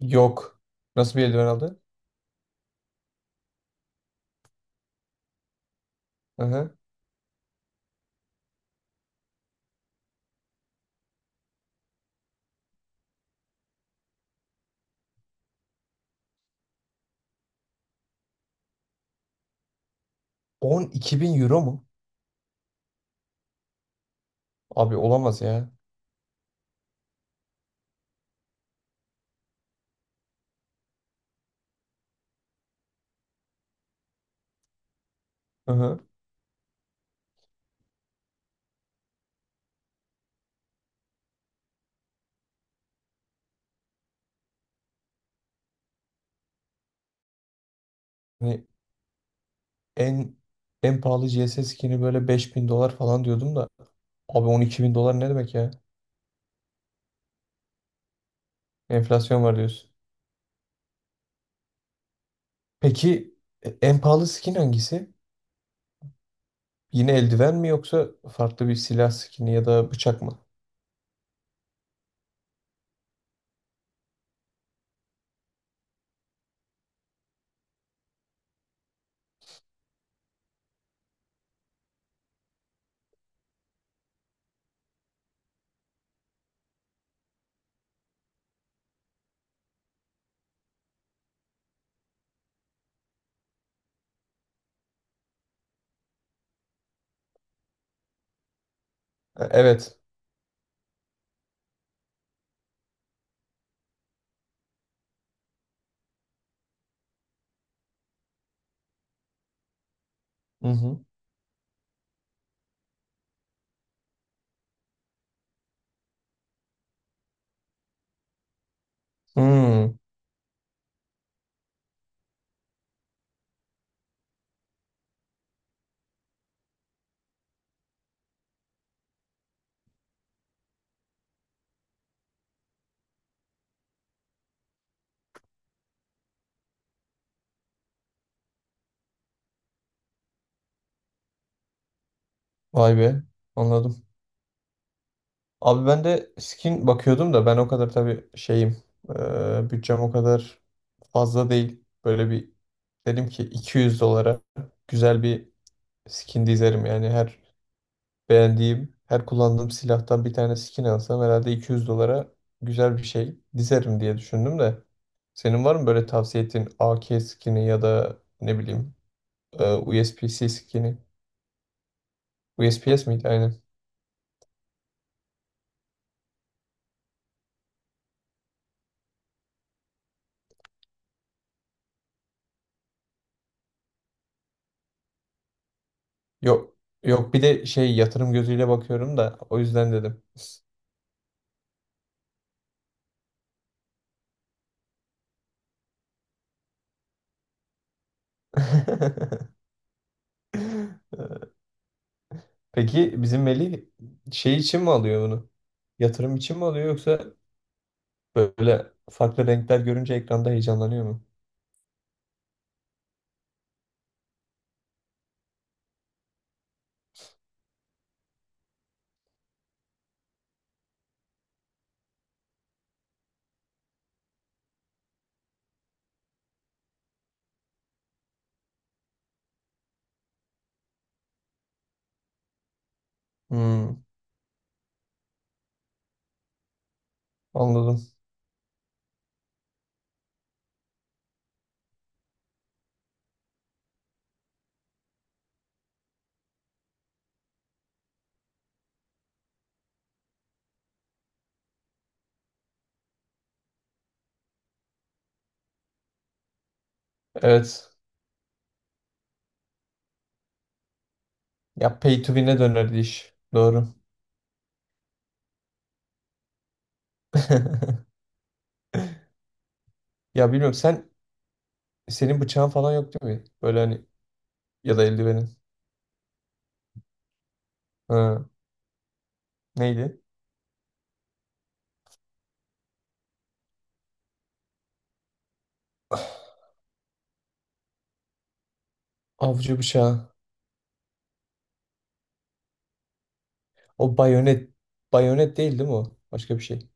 Yok. Nasıl bir eldiven aldı? Hı hı. 12 bin euro mu? Abi olamaz ya. Hı hı. Hani en en pahalı CS skin'i böyle 5.000 dolar falan diyordum da. Abi 12 bin dolar ne demek ya? Enflasyon var diyorsun. Peki en pahalı skin hangisi? Yine eldiven mi yoksa farklı bir silah skin'i ya da bıçak mı? Evet. Hı hı. Hmm. Vay be. Anladım. Abi ben de skin bakıyordum da ben o kadar tabii şeyim bütçem o kadar fazla değil. Böyle bir dedim ki 200 dolara güzel bir skin dizerim. Yani her beğendiğim, her kullandığım silahtan bir tane skin alsam herhalde 200 dolara güzel bir şey dizerim diye düşündüm de. Senin var mı böyle tavsiye ettiğin AK skini ya da ne bileyim eee, C skini? USPS miydi? Aynen. Yok. Yok, bir de şey yatırım gözüyle bakıyorum da o yüzden dedim. Peki bizim Melih şey için mi alıyor bunu? Yatırım için mi alıyor yoksa böyle farklı renkler görünce ekranda heyecanlanıyor mu? Hmm, anladım. Evet. Ya pay to win'e dönerdi iş. Doğru. Ya bilmiyorum, senin bıçağın falan yok değil mi? Böyle hani, ya da eldivenin. Ha, neydi? Avcı bıçağı. O bayonet. Bayonet değil değil mi o? Başka bir şey.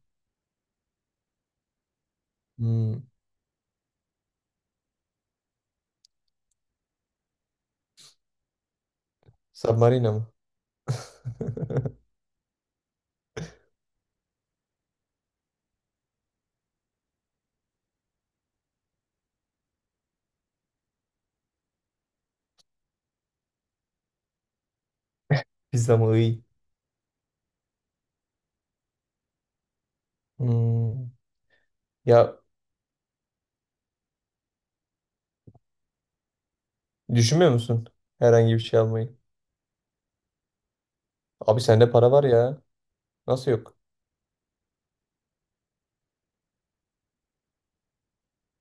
Hmm. Submarina mı? Pizza mı? Iy. Hmm. Ya düşünmüyor musun? Herhangi bir şey almayı. Abi sende para var ya. Nasıl yok?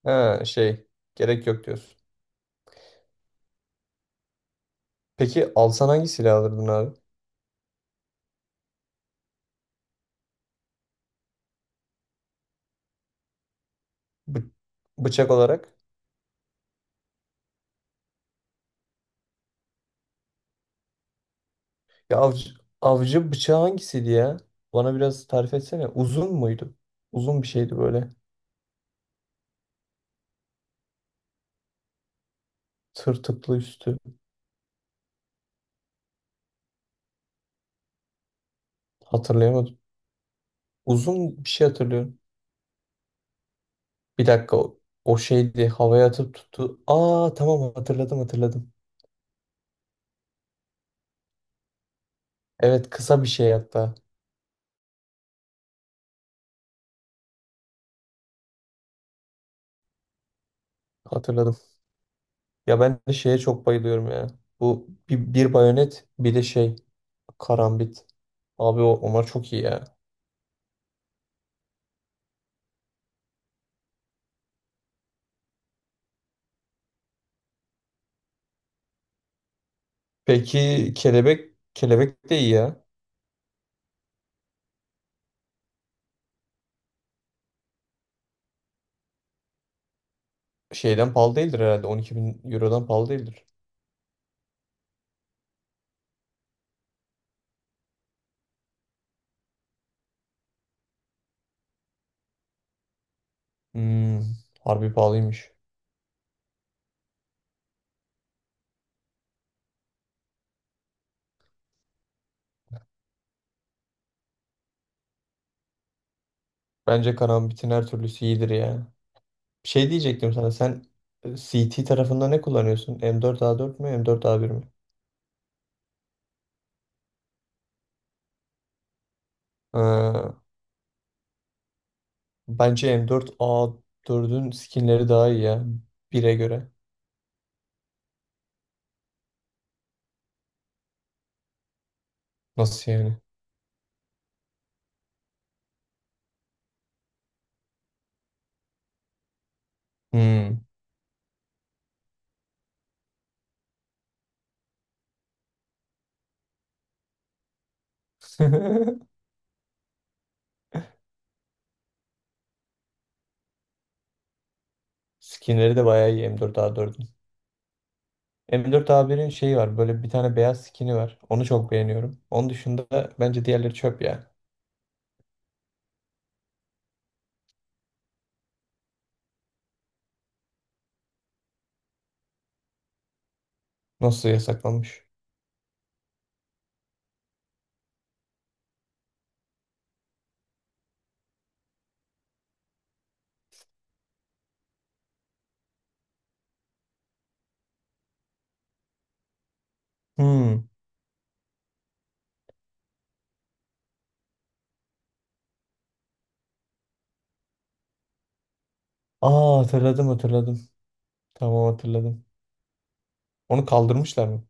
Ha şey. Gerek yok diyorsun. Peki alsan hangi silah alırdın abi? Bı- bıçak olarak. Ya, avcı bıçağı hangisiydi ya? Bana biraz tarif etsene. Uzun muydu? Uzun bir şeydi böyle. Tırtıklı üstü. Hatırlayamadım. Uzun bir şey hatırlıyorum. Bir dakika, o şeydi. Havaya atıp tuttu. Aa tamam, hatırladım hatırladım. Evet, kısa bir şey hatta. Hatırladım. Ya ben de şeye çok bayılıyorum ya. Bu bir bayonet, bir de şey, karambit. Abi onlar çok iyi ya. Peki kelebek de iyi ya. Şeyden pahalı değildir herhalde. 12 bin eurodan pahalı değildir. Hmm, harbi pahalıymış. Bence kanabitin her türlüsü iyidir ya. Bir şey diyecektim sana. Sen CT tarafında ne kullanıyorsun? M4A4 mü M4A1 mi? Ha, bence M4A4'ün skinleri daha iyi ya. Bire göre. Nasıl yani? Hmm. Skinleri de bayağı iyi M4A4'ün. M4A1'in şeyi var. Böyle bir tane beyaz skini var. Onu çok beğeniyorum. Onun dışında bence diğerleri çöp ya. Nasıl yasaklanmış? Hmm. Aa hatırladım hatırladım. Tamam hatırladım. Onu kaldırmışlar mı?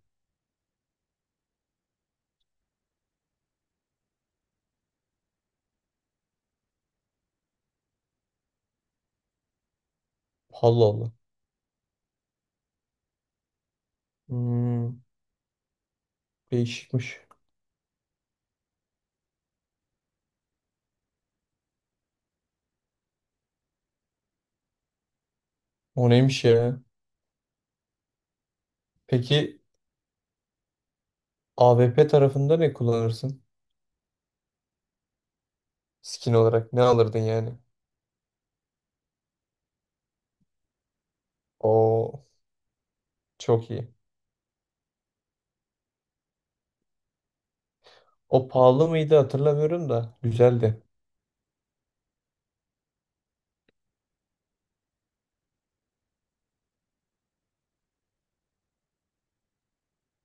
Allah Allah. Hmm, değişikmiş. O neymiş ya? Peki AWP tarafında ne kullanırsın? Skin olarak ne alırdın yani? O çok iyi. O pahalı mıydı hatırlamıyorum da güzeldi.